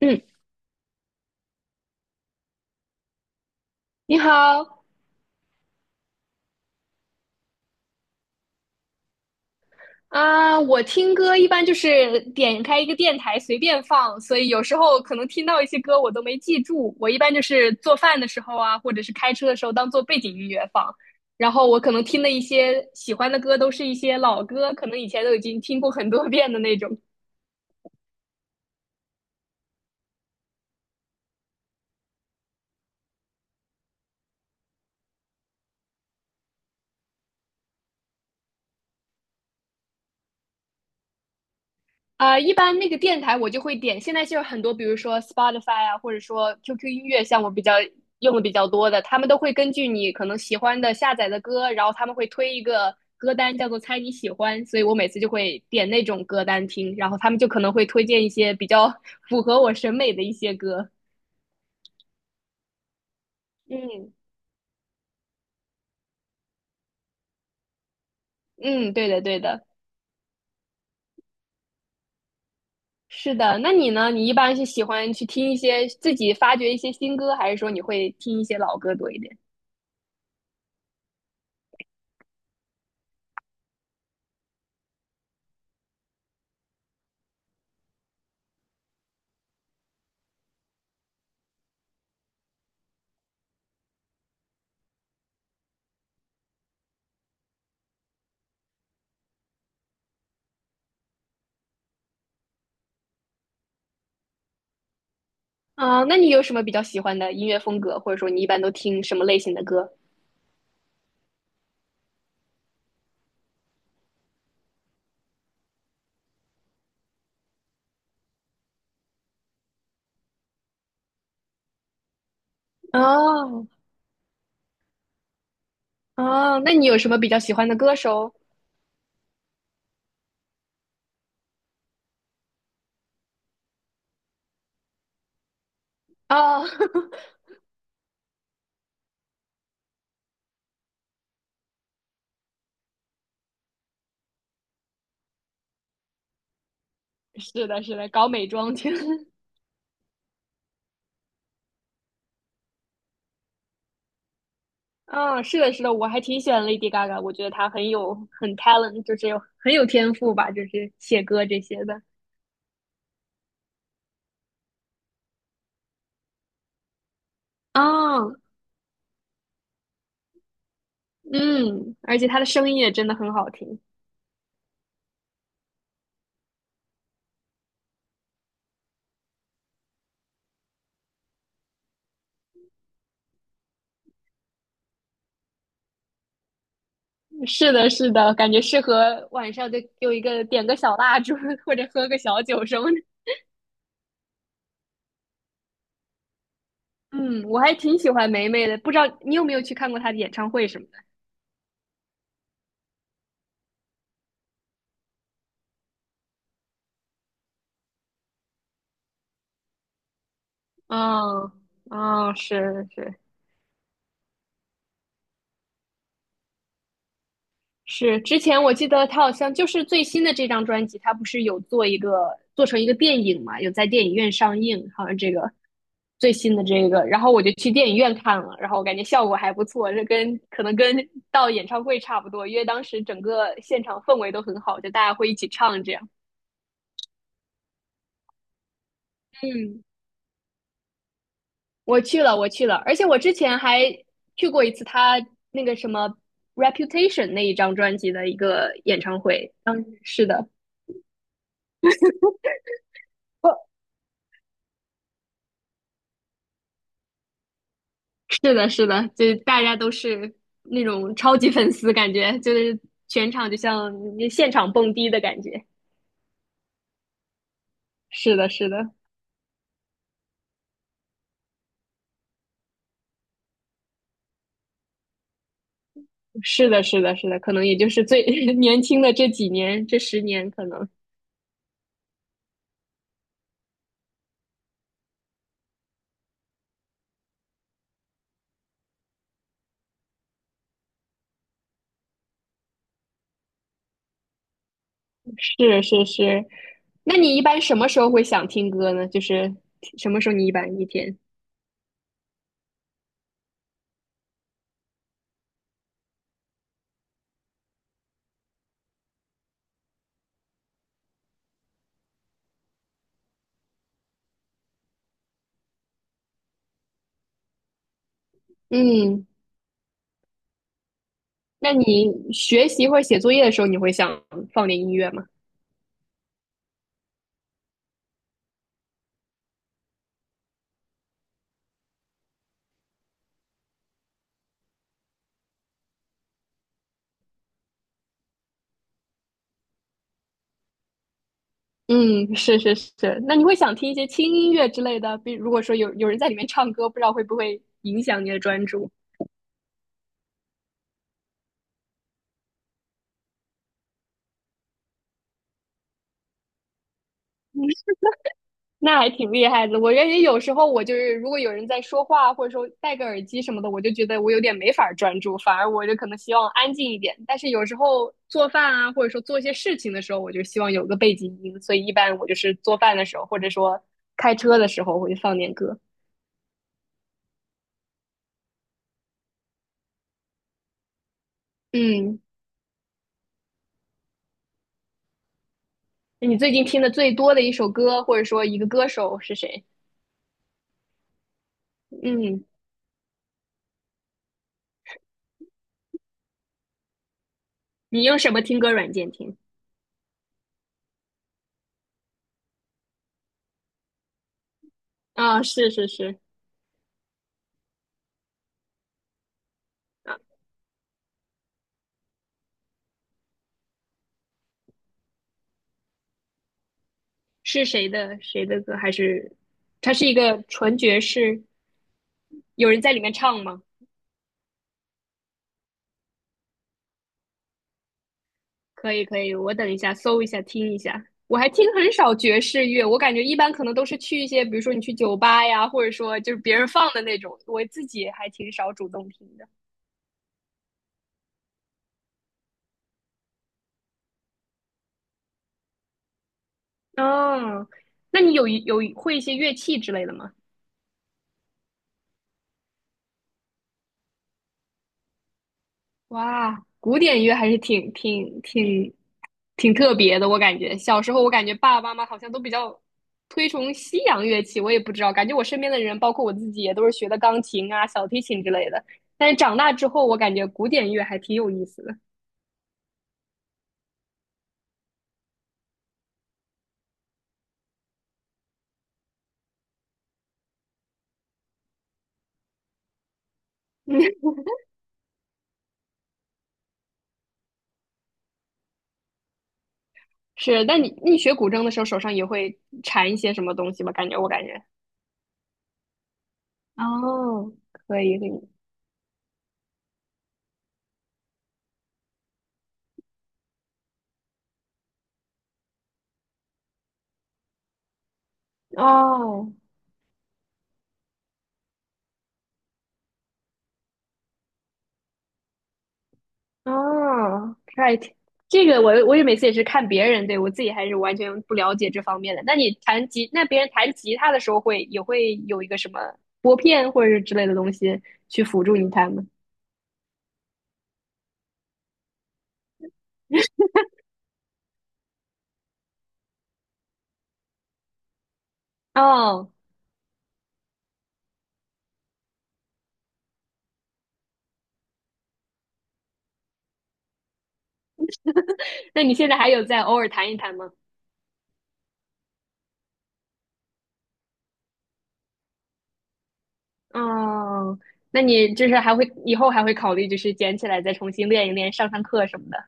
嗯，你好啊，我听歌一般就是点开一个电台随便放，所以有时候可能听到一些歌我都没记住。我一般就是做饭的时候啊，或者是开车的时候当做背景音乐放。然后我可能听的一些喜欢的歌都是一些老歌，可能以前都已经听过很多遍的那种。啊、一般那个电台我就会点，现在就有很多，比如说 Spotify 啊，或者说 QQ 音乐，像我比较用的比较多的，他们都会根据你可能喜欢的下载的歌，然后他们会推一个歌单叫做"猜你喜欢"，所以我每次就会点那种歌单听，然后他们就可能会推荐一些比较 符合我审美的一些歌。嗯嗯，对的对的，是的。那你呢？你一般是喜欢去听一些自己发掘一些新歌，还是说你会听一些老歌多一点？啊，那你有什么比较喜欢的音乐风格，或者说你一般都听什么类型的歌？哦哦，那你有什么比较喜欢的歌手？哦，是的，是的，搞美妆去。嗯，是的，是的，我还挺喜欢 Lady Gaga，我觉得她很有很 talent，就是有很有天赋吧，就是写歌这些的。啊，嗯，而且她的声音也真的很好听。是的，是的，感觉适合晚上就有一个点个小蜡烛，或者喝个小酒什么的。嗯，我还挺喜欢霉霉的，不知道你有没有去看过她的演唱会什么的？嗯嗯，是是是，之前我记得她好像就是最新的这张专辑，她不是有做一个做成一个电影嘛，有在电影院上映，好像这个最新的这个，然后我就去电影院看了，然后我感觉效果还不错，这跟可能跟到演唱会差不多，因为当时整个现场氛围都很好，就大家会一起唱这样。嗯，我去了，我去了，而且我之前还去过一次他那个什么《Reputation》那一张专辑的一个演唱会。嗯，是的，哦是的，是的，就大家都是那种超级粉丝，感觉就是全场就像现场蹦迪的感觉。是的，是的，是的，是的，是的，可能也就是最 年轻的这几年，这十年可能是是是。那你一般什么时候会想听歌呢？就是什么时候你一般一天？嗯。那你学习或者写作业的时候，你会想放点音乐吗？嗯，是是是。那你会想听一些轻音乐之类的？比如果说有人在里面唱歌，不知道会不会影响你的专注？那还挺厉害的。我感觉有时候我就是，如果有人在说话，或者说戴个耳机什么的，我就觉得我有点没法儿专注，反而我就可能希望安静一点。但是有时候做饭啊，或者说做一些事情的时候，我就希望有个背景音，所以一般我就是做饭的时候，或者说开车的时候，我就放点歌。嗯，你最近听的最多的一首歌，或者说一个歌手是谁？嗯，你用什么听歌软件听？啊，是是是，啊，是谁的谁的歌？还是它是一个纯爵士？有人在里面唱吗？可以可以，我等一下搜一下听一下。我还听很少爵士乐，我感觉一般可能都是去一些，比如说你去酒吧呀，或者说就是别人放的那种，我自己还挺少主动听的。哦，那你有一有一会一些乐器之类的吗？哇，古典乐还是挺特别的，我感觉小时候我感觉爸爸妈妈好像都比较推崇西洋乐器，我也不知道，感觉我身边的人，包括我自己，也都是学的钢琴啊、小提琴之类的。但是长大之后，我感觉古典乐还挺有意思的。是，那你学古筝的时候，手上也会缠一些什么东西吗？感觉我感觉。哦，可以，可以。哦，哦，right，这个我也每次也是看别人，对，我自己还是完全不了解这方面的。那你弹吉，那别人弹吉他的时候会也会有一个什么拨片或者是之类的东西去辅助你弹吗？哦，那你现在还有在偶尔弹一弹吗？哦，那你就是还会以后还会考虑就是捡起来再重新练一练，上上课什么的。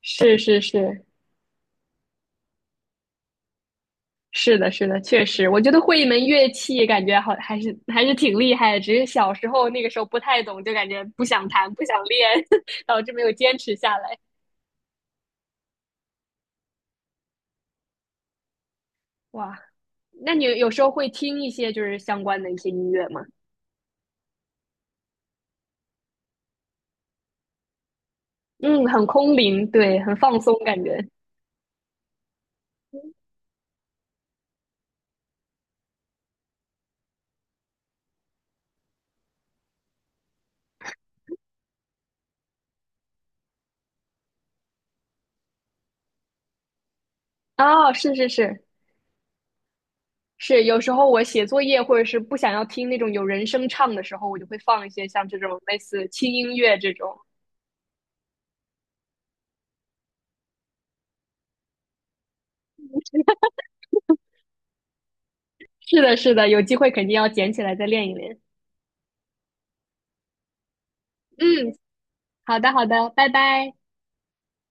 是是是，是的，是的，确实，我觉得会一门乐器，感觉好还是还是挺厉害的。只是小时候那个时候不太懂，就感觉不想弹，不想练，导致没有坚持下来。哇，那你有时候会听一些就是相关的一些音乐吗？嗯，很空灵，对，很放松感觉。哦，是是是是，有时候我写作业或者是不想要听那种有人声唱的时候，我就会放一些像这种类似轻音乐这种。是的，是的，有机会肯定要捡起来再练一练。嗯，好的，好的，拜拜。